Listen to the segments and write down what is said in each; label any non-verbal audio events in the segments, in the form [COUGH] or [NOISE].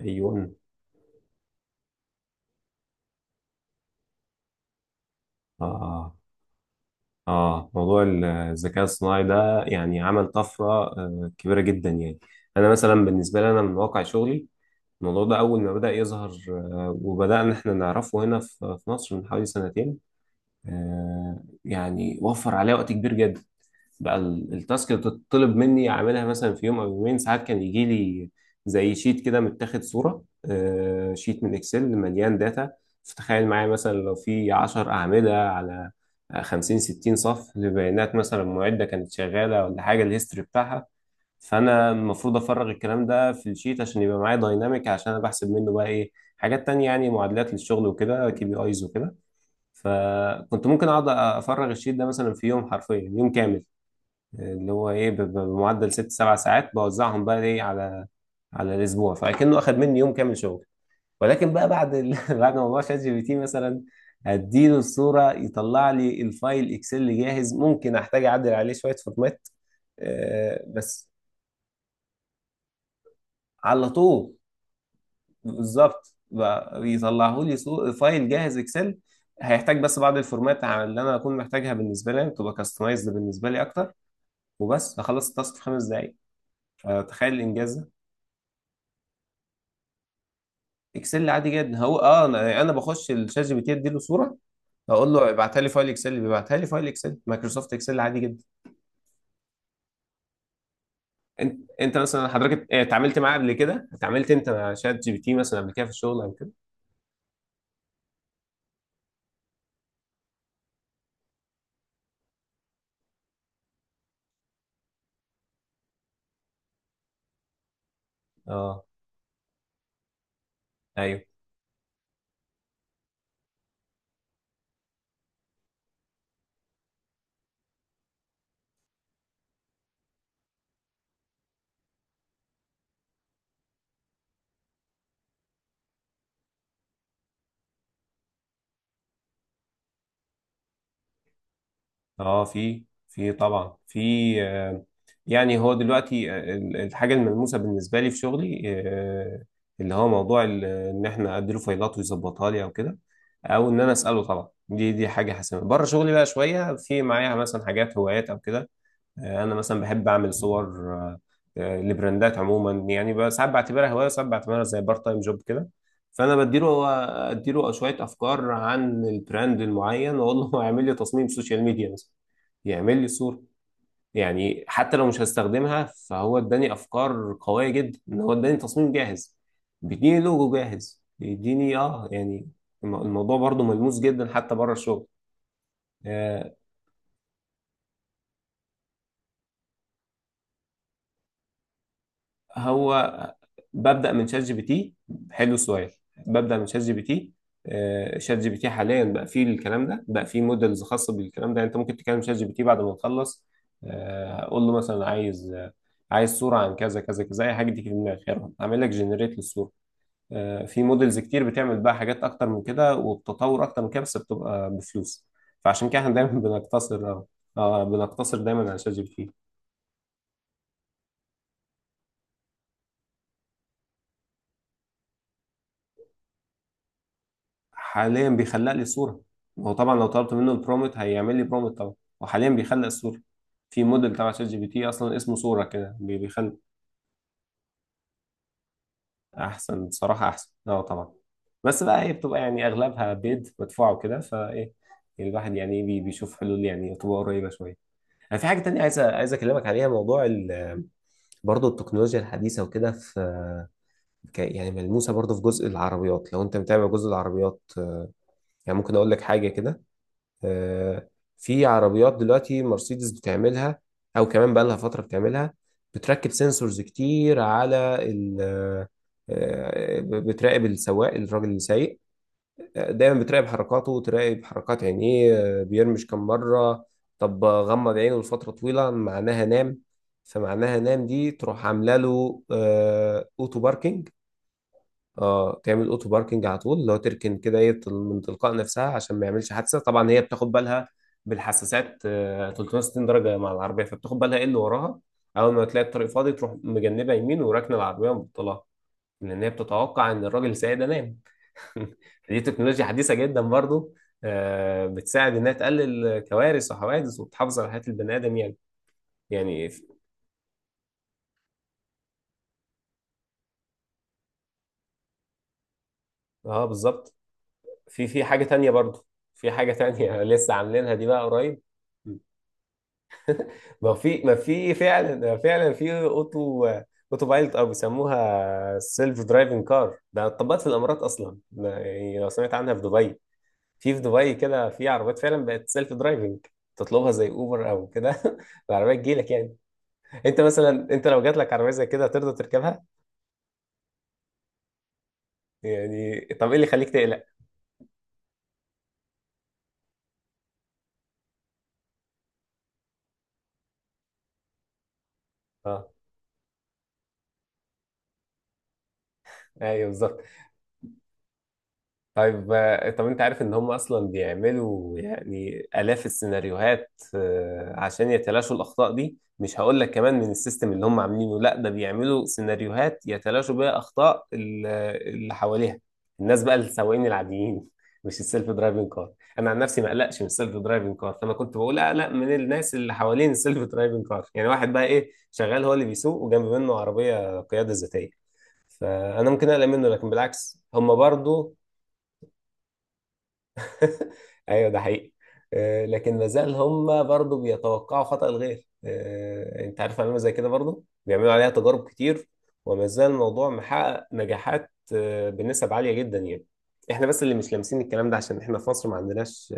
ايوه. اه. اه موضوع الذكاء الصناعي ده يعني عمل طفره كبيره جدا يعني. انا مثلا بالنسبه لي، انا من واقع شغلي الموضوع ده اول ما بدا يظهر، وبدانا احنا نعرفه هنا في مصر من حوالي سنتين. يعني وفر عليا وقت كبير جدا. بقى التاسك اللي تطلب مني اعملها مثلا في يوم او يومين، ساعات كان يجي لي زي شيت كده متاخد صوره، شيت من اكسل مليان داتا. فتخيل معايا مثلا لو في 10 اعمده على 50 60 صف لبيانات، مثلا معده كانت شغاله ولا حاجه، الهيستوري بتاعها. فانا المفروض افرغ الكلام ده في الشيت عشان يبقى معايا دايناميك، عشان انا بحسب منه بقى ايه، حاجات تانية، يعني معادلات للشغل وكده، كي بي ايز وكده. فكنت ممكن اقعد افرغ الشيت ده مثلا في يوم، حرفيا يوم كامل، اللي هو ايه بمعدل 6 7 ساعات بوزعهم بقى ايه على الاسبوع، فكأنه اخد مني يوم كامل شغل. ولكن بقى بعد [LAUGHS] بعد موضوع شات جي بي تي، مثلا اديله الصوره يطلع لي الفايل اكسل جاهز، ممكن احتاج اعدل عليه شويه فورمات، بس. على طول. بالظبط، بقى يطلعوا لي فايل جاهز اكسل. هيحتاج بس بعض الفورمات على اللي انا اكون محتاجها، بالنسبه لي تبقى كاستمايزد بالنسبه لي اكتر. وبس هخلص التاسك في 5 دقائق. فتخيل الانجاز ده. اكسل عادي جدا. هو اه، انا يعني أنا بخش الشات جي بي تي اديله صوره، هقول له ابعتها لي فايل اكسل، بيبعتها لي فايل اكسل مايكروسوفت اكسل عادي جدا. انت مثلا حضرتك، اتعاملت معاه قبل كده؟ اتعاملت انت مع شات جي بي تي مثلا قبل كده في الشغل قبل كده؟ اه. ايوه. اه في، طبعا في، آه، يعني هو دلوقتي، الحاجه الملموسه بالنسبه لي في شغلي، اللي هو موضوع ان احنا اديله فايلات ويظبطها لي او كده، او ان انا اساله. طبعا دي حاجه حاسمه. بره شغلي بقى شويه في معايا مثلا حاجات هوايات او كده. انا مثلا بحب اعمل صور، آه، لبراندات عموما. يعني ساعات بعتبرها هوايه وساعات بعتبرها زي بارت تايم جوب كده. فانا بديله اديله شويه افكار عن البراند المعين واقول له [LAUGHS] اعمل لي تصميم سوشيال ميديا مثلا، يعمل لي صوره. يعني حتى لو مش هستخدمها فهو اداني افكار قويه جدا، ان هو اداني تصميم جاهز، بيديني لوجو جاهز، بيديني اه يعني الموضوع برضو ملموس جدا حتى بره الشغل. آه، هو ببدأ من شات جي بي تي. حلو السؤال. ببدأ من شات جي بي تي. شات جي بي تي حاليا بقى فيه الكلام ده، بقى فيه موديلز خاصة بالكلام ده. يعني انت ممكن تكلم شات جي بي تي بعد ما تخلص، قول له مثلا عايز صورة عن كذا كذا كذا، اي حاجة تيجي في دماغك، يلا اعمل لك جنريت للصورة. في موديلز كتير بتعمل بقى حاجات اكتر من كده وبتطور اكتر من كده، بس بتبقى بفلوس. فعشان كده احنا دايما [LAUGHS] بنقتصر اه، بنقتصر دايما على شات جي بي تي. حاليا بيخلق لي صورة. هو طبعا لو طلبت منه البرومت هيعمل لي برومت طبعا. وحاليا بيخلق الصورة. في موديل تبع شات جي بي تي اصلا اسمه صورة كده بيخلق. احسن بصراحة، احسن اه طبعا. بس بقى هي بتبقى يعني اغلبها بيد مدفوع وكده فايه، الواحد يعني بيشوف حلول يعني تبقى قريبة شوية. انا في حاجة تانية عايز اكلمك عليها، موضوع برضه التكنولوجيا الحديثة وكده. في يعني ملموسة برضه في جزء العربيات لو انت متابع جزء العربيات، يعني ممكن اقول لك حاجة كده، آه، في عربيات دلوقتي مرسيدس بتعملها، او كمان بقى لها فتره بتعملها. بتركب سنسورز كتير على ال بتراقب السواق، الراجل اللي سايق. دايما بتراقب حركاته، تراقب حركات عينيه، بيرمش كم مره. طب غمض عينه لفتره طويله، معناها نام. فمعناها نام دي تروح عامله له اوتو باركينج. اه، تعمل اوتو باركنج على طول لو تركن كده ايه، من تلقاء نفسها عشان ما يعملش حادثه. طبعا هي بتاخد بالها بالحساسات 360 درجه مع العربيه، فبتاخد بالها ايه اللي وراها. اول ما تلاقي الطريق فاضي تروح مجنبه يمين وراكنه العربيه ومبطلها، لان هي بتتوقع ان الراجل السايق ده نام. [LAUGHS] دي تكنولوجيا حديثه جدا برضو، بتساعد انها تقلل كوارث وحوادث وبتحافظ على حياه البني ادم يعني. يعني ف- اه بالظبط. في حاجه تانية برضو. في حاجه تانية [LAUGHS] لسه عاملينها دي بقى قريب. ما في فعلا، فعلا في اوتو بايلوت، او بيسموها سيلف درايفنج كار. ده اتطبقت في الامارات اصلا. ده يعني لو سمعت عنها في دبي، في دبي كده في عربيات فعلا بقت سيلف درايفنج. تطلبها زي اوبر او كده [LAUGHS] العربيه تجيلك يعني. انت مثلا، لو جات لك عربيه زي كده هترضى تركبها؟ يعني طب ايه اللي يخليك تقلق؟ اه ايوه بالظبط. طيب، طب انت عارف ان هم اصلا بيعملوا يعني الاف السيناريوهات، عشان يتلاشوا الاخطاء دي؟ مش هقول لك كمان من السيستم اللي هم عاملينه، لا ده بيعملوا سيناريوهات يتلاشوا بيها اخطاء اللي حواليها، الناس بقى السواقين العاديين، مش السيلف درايفنج كار. انا عن نفسي ما اقلقش من السيلف درايفنج كار، فانا كنت بقول اقلق من الناس اللي حوالين السيلف درايفنج كار. يعني واحد بقى ايه شغال هو اللي بيسوق وجنب منه عربية قيادة ذاتية، فانا ممكن اقلق منه. لكن بالعكس هم برضو. [LAUGHS] ايوه ده حقيقي. لكن مازال هم برضو بيتوقعوا خطأ الغير، انت عارف علامة زي كده برضو بيعملوا عليها تجارب كتير. ومازال الموضوع محقق نجاحات، بنسب عالية جدا يعني. احنا بس اللي مش لامسين الكلام ده عشان احنا في مصر ما عندناش.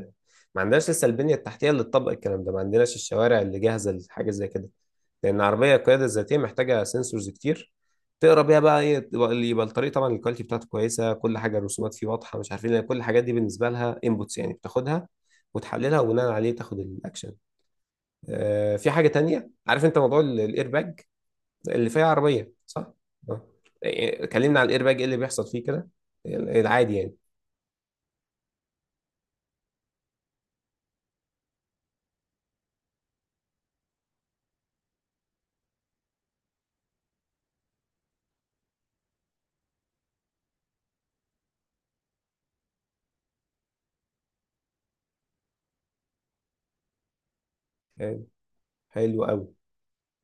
لسه البنية التحتية اللي تطبق الكلام ده، ما عندناش الشوارع اللي جاهزة لحاجة زي كده. لان عربيه القياده الذاتيه محتاجه سنسورز كتير تقرا بيها بقى ايه اللي يبقى الطريق طبعا الكواليتي بتاعته كويسه، كل حاجه الرسومات فيه واضحه، مش عارفين. لان كل الحاجات دي بالنسبه لها انبوتس، يعني بتاخدها وتحللها وبناء عليه تاخد الاكشن. آه، في حاجه تانية. عارف انت موضوع الاير باج اللي فيها عربيه؟ صح؟ آه. كلمنا عن الاير باج ايه اللي بيحصل فيه كده، العادي يعني. آه، حلو قوي.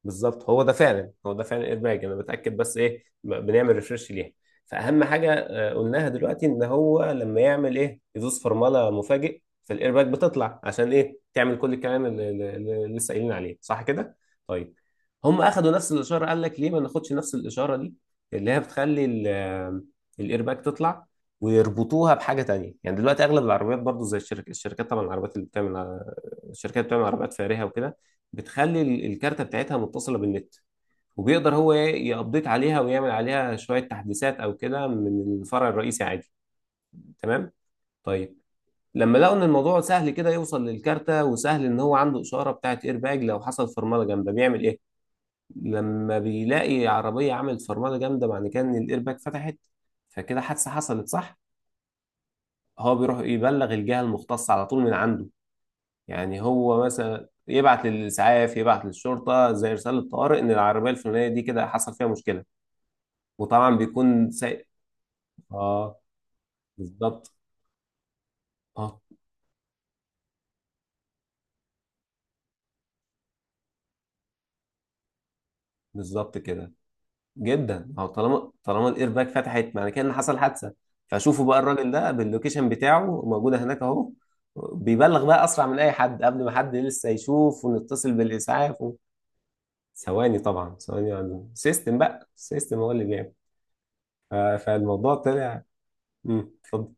بالظبط، هو ده فعلا، هو ده فعلا ادماج. انا بتاكد بس ايه بنعمل ريفرش ليها. فاهم حاجه، قلناها دلوقتي ان هو لما يعمل ايه يدوس فرمله مفاجئ، فالايرباك بتطلع عشان ايه تعمل كل الكلام اللي لسه قايلين عليه صح كده. طيب، هم اخدوا نفس الاشاره. قال لك ليه ما ناخدش نفس الاشاره دي اللي هي بتخلي الايرباك تطلع ويربطوها بحاجه تانية. يعني دلوقتي اغلب العربيات برضو زي الشركات، طبعا العربيات اللي بتعمل، الشركات بتعمل عربيات فارهه وكده، بتخلي الكارتة بتاعتها متصلة بالنت. وبيقدر هو يابديت عليها ويعمل عليها شوية تحديثات أو كده من الفرع الرئيسي عادي. تمام. طيب. لما لقوا إن الموضوع سهل كده يوصل للكارتة، وسهل إن هو عنده إشارة بتاعت إيرباج، لو حصل فرملة جامدة بيعمل إيه؟ لما بيلاقي عربية عملت فرملة جامدة معنى كده إن الإيرباج فتحت، فكده حادثة حصلت صح؟ هو بيروح يبلغ الجهة المختصة على طول من عنده. يعني هو مثلا يبعت للإسعاف، يبعت للشرطة زي رسالة طوارئ، إن العربية الفلانية دي كده حصل فيها مشكلة. وطبعا بيكون سايق. آه. بالظبط. آه بالظبط كده. جدا. أو طالما الإيرباك فتحت معنى كده إن حصل حادثة، فشوفوا بقى الراجل ده باللوكيشن بتاعه موجودة هناك أهو. بيبلغ بقى أسرع من أي حد، قبل ما حد لسه يشوف ونتصل بالإسعاف و... ثواني طبعا، ثواني. عندهم سيستم بقى، السيستم هو اللي بيعمل. فالموضوع طلع. مم، اتفضل.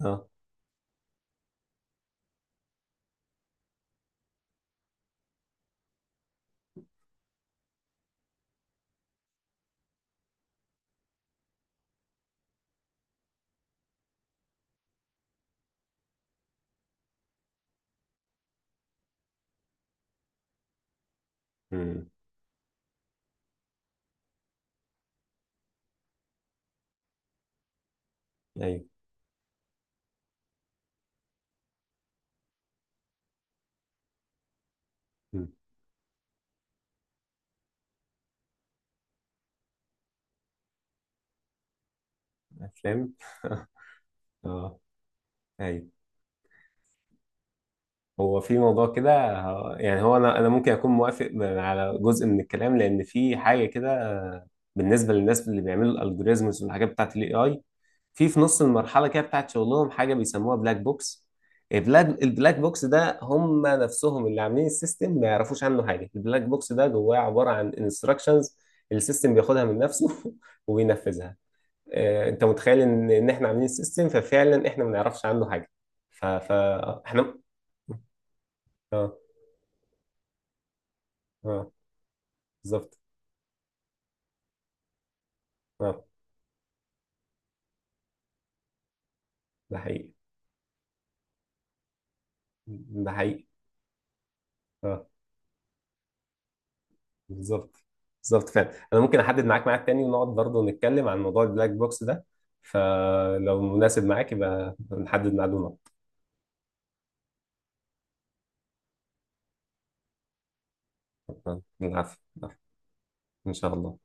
اه. مم. ايوه. مم. افلام. [LAUGHS] اه. ايوه. هو في موضوع كده يعني هو انا ممكن اكون موافق على جزء من الكلام، لان في حاجه كده بالنسبه للناس اللي بيعملوا الالجوريزمز والحاجات بتاعت الاي اي. في نص المرحله كده بتاعت شغلهم حاجه بيسموها بلاك بوكس. البلاك بوكس ده هم نفسهم اللي عاملين السيستم ما يعرفوش عنه حاجه. البلاك بوكس ده جواه عباره عن انستراكشنز، السيستم بياخدها من نفسه [LAUGHS] وبينفذها. انت متخيل ان احنا عاملين سيستم، ففعلا احنا ما نعرفش عنه حاجه. ف ف احنا اه. اه بالظبط. اه ده حقيقي. ده حقيقي. اه بالظبط. بالظبط فعلا. انا ممكن احدد معاك ميعاد تاني ونقعد برضه نتكلم عن موضوع البلاك بوكس ده. فلو مناسب معاك يبقى نحدد ميعاد ونقعد. العفو العفو. ان شاء الله.